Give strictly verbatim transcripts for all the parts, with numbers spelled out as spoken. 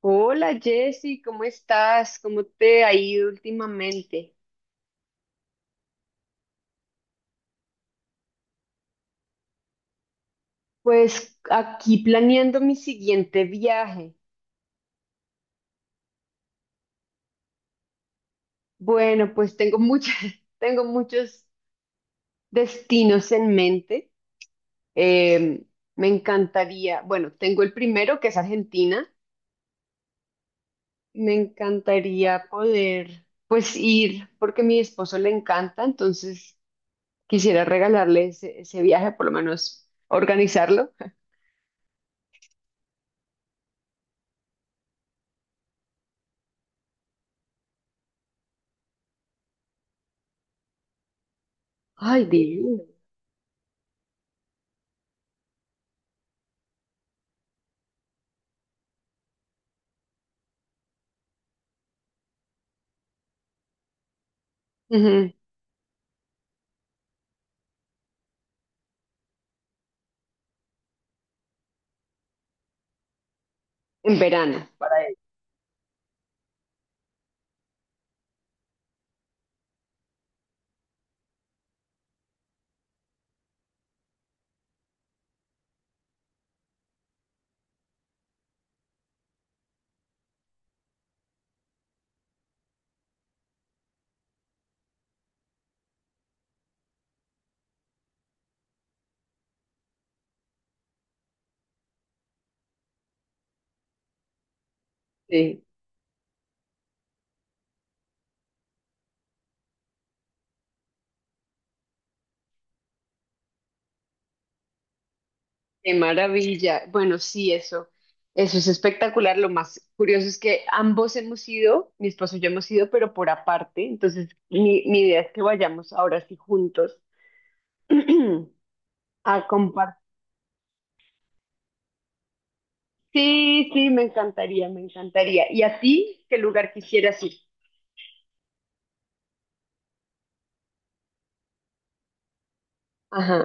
Hola Jessy, ¿cómo estás? ¿Cómo te ha ido últimamente? Pues aquí planeando mi siguiente viaje. Bueno, pues tengo muchas, tengo muchos destinos en mente. Em, Me encantaría, bueno, tengo el primero que es Argentina. Me encantaría poder, pues ir, porque a mi esposo le encanta, entonces quisiera regalarle ese, ese viaje, por lo menos organizarlo. Ay, divino. Ujú. En verano. Sí, qué maravilla. Bueno, sí, eso, eso es espectacular. Lo más curioso es que ambos hemos ido, mi esposo y yo hemos ido, pero por aparte. Entonces, mi, mi idea es que vayamos ahora sí juntos. A compartir. Sí, sí, me encantaría, me encantaría. ¿Y a ti qué lugar quisieras ir? Ajá,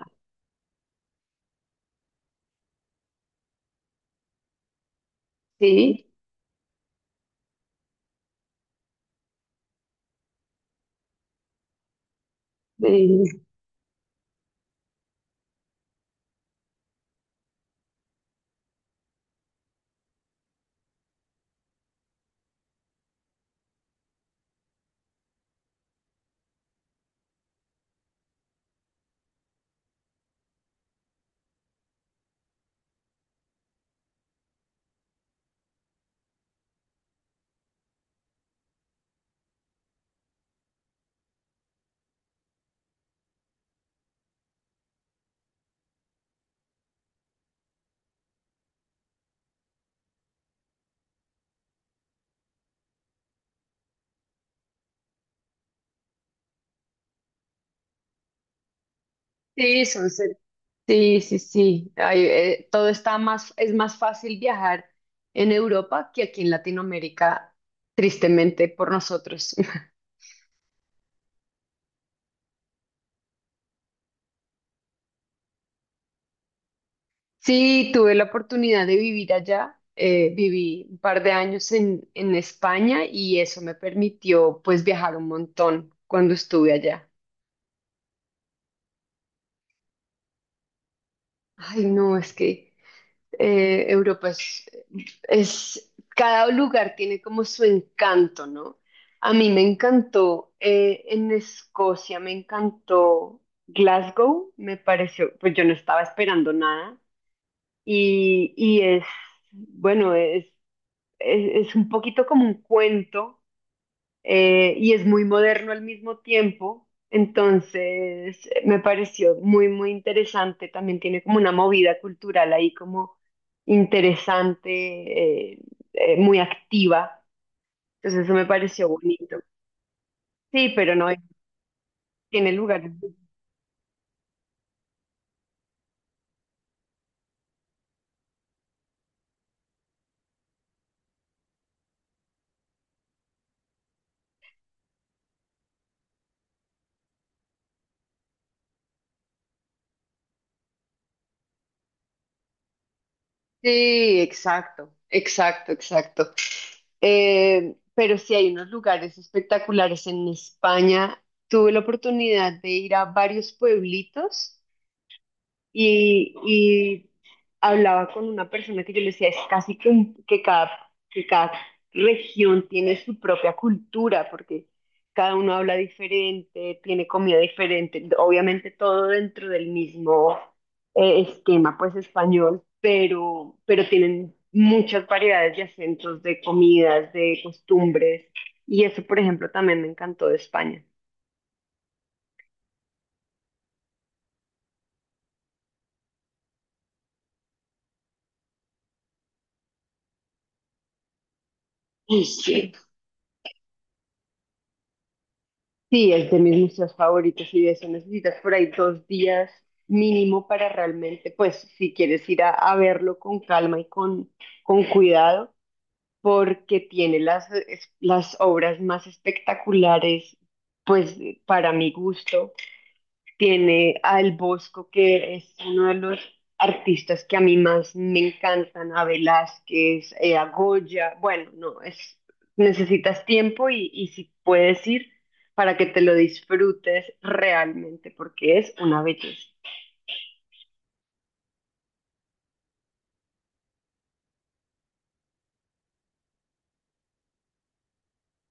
sí, sí, sí, son. Sí, sí, sí. Ay, eh, todo está más, es más fácil viajar en Europa que aquí en Latinoamérica, tristemente por nosotros. Sí, tuve la oportunidad de vivir allá. Eh, viví un par de años en, en España y eso me permitió pues viajar un montón cuando estuve allá. Ay, no, es que eh, Europa es, es, cada lugar tiene como su encanto, ¿no? A mí me encantó, eh, en Escocia me encantó Glasgow, me pareció, pues yo no estaba esperando nada y, y es, bueno, es, es, es un poquito como un cuento, eh, y es muy moderno al mismo tiempo. Entonces, eh, me pareció muy, muy interesante. También tiene como una movida cultural ahí como interesante, eh, eh, muy activa. Entonces, eso me pareció bonito. Sí, pero no eh, tiene lugar. Sí, exacto, exacto, exacto. Eh, pero sí hay unos lugares espectaculares en España. Tuve la oportunidad de ir a varios pueblitos y, y hablaba con una persona que yo le decía, es casi que, un- que cada, que cada región tiene su propia cultura, porque cada uno habla diferente, tiene comida diferente, obviamente todo dentro del mismo eh, esquema, pues español, pero, pero tienen muchas variedades de acentos, de comidas, de costumbres, y eso, por ejemplo, también me encantó de España. Y sí. Sí, es de mis museos favoritos y de eso necesitas por ahí dos días mínimo para realmente, pues si quieres ir a, a verlo con calma y con, con cuidado, porque tiene las, es- las obras más espectaculares, pues para mi gusto, tiene a El Bosco, que es uno de los artistas que a mí más me encantan, a Velázquez, eh, a Goya, bueno, no, es, necesitas tiempo y, y si puedes ir para que te lo disfrutes realmente, porque es una belleza.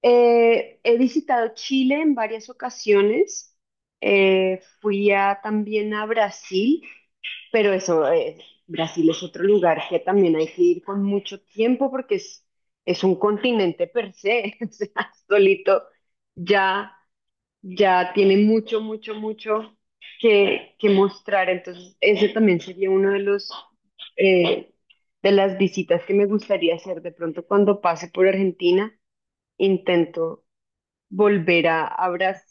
Eh, he visitado Chile en varias ocasiones, eh, fui a- también a Brasil. Pero eso, eh, Brasil es otro lugar que también hay que ir con mucho tiempo porque es, es un continente per se, o sea, solito ya, ya tiene mucho, mucho, mucho que, que mostrar. Entonces, ese también sería uno de los, eh, de las visitas que me gustaría hacer. De pronto, cuando pase por Argentina, intento volver a, a Brasil.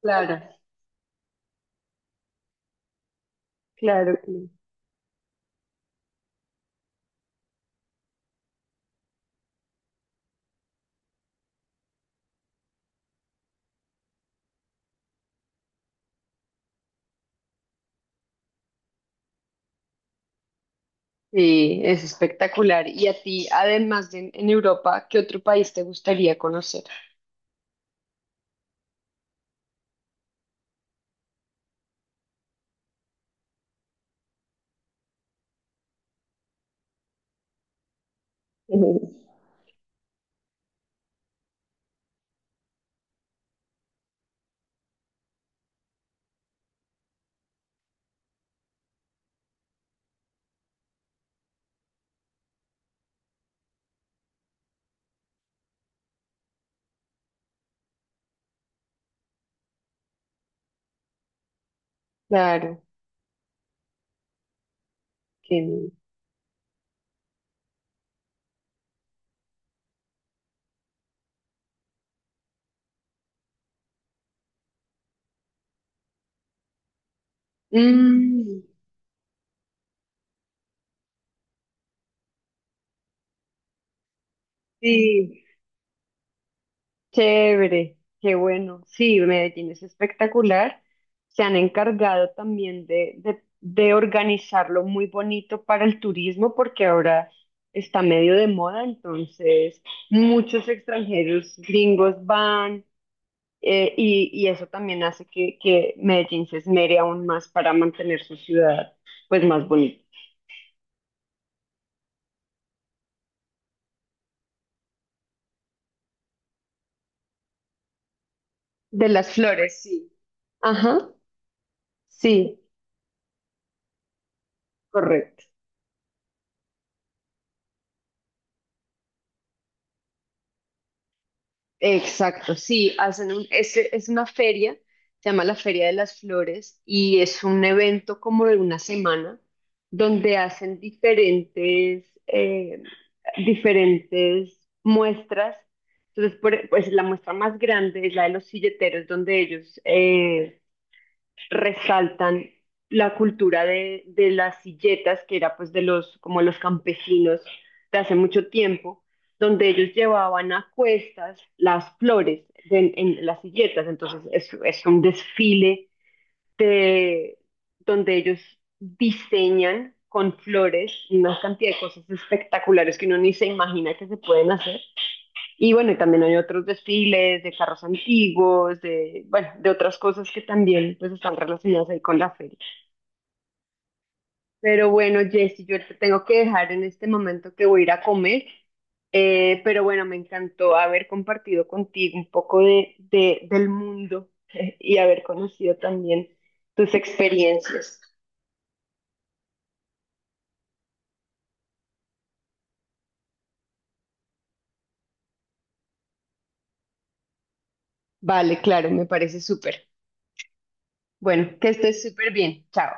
Claro, claro. Sí, es espectacular. Y a ti, además de en en Europa, ¿qué otro país te gustaría conocer? Claro, que no. Mm, sí, chévere, qué bueno. Sí, Medellín es espectacular. Se han encargado también de, de, de organizarlo muy bonito para el turismo porque ahora está medio de moda, entonces muchos extranjeros gringos van. Eh, y, y eso también hace que, que Medellín se esmere aún más para mantener su ciudad pues más bonita. De las flores, sí. Ajá, sí, correcto. Exacto, sí, hacen un, es, es una feria, se llama la Feria de las Flores y es un evento como de una semana donde hacen diferentes, eh, diferentes muestras. Entonces, por- pues la muestra más grande es la de los silleteros, donde ellos eh, resaltan la cultura de, de las silletas, que era pues de los, como los campesinos de hace mucho tiempo, donde ellos llevaban a cuestas las flores de- en las silletas. Entonces es, es un desfile de, donde ellos diseñan con flores una cantidad de cosas espectaculares que uno ni se imagina que se pueden hacer. Y bueno, y también hay otros desfiles de carros antiguos, de, bueno, de otras cosas que también pues están relacionadas ahí con la feria. Pero bueno, Jessy, yo te tengo que dejar en este momento que voy a ir a comer. Eh, pero bueno, me encantó haber compartido contigo un poco de, de, del mundo y haber conocido también tus experiencias. Vale, claro, me parece súper. Bueno, que estés súper bien. Chao.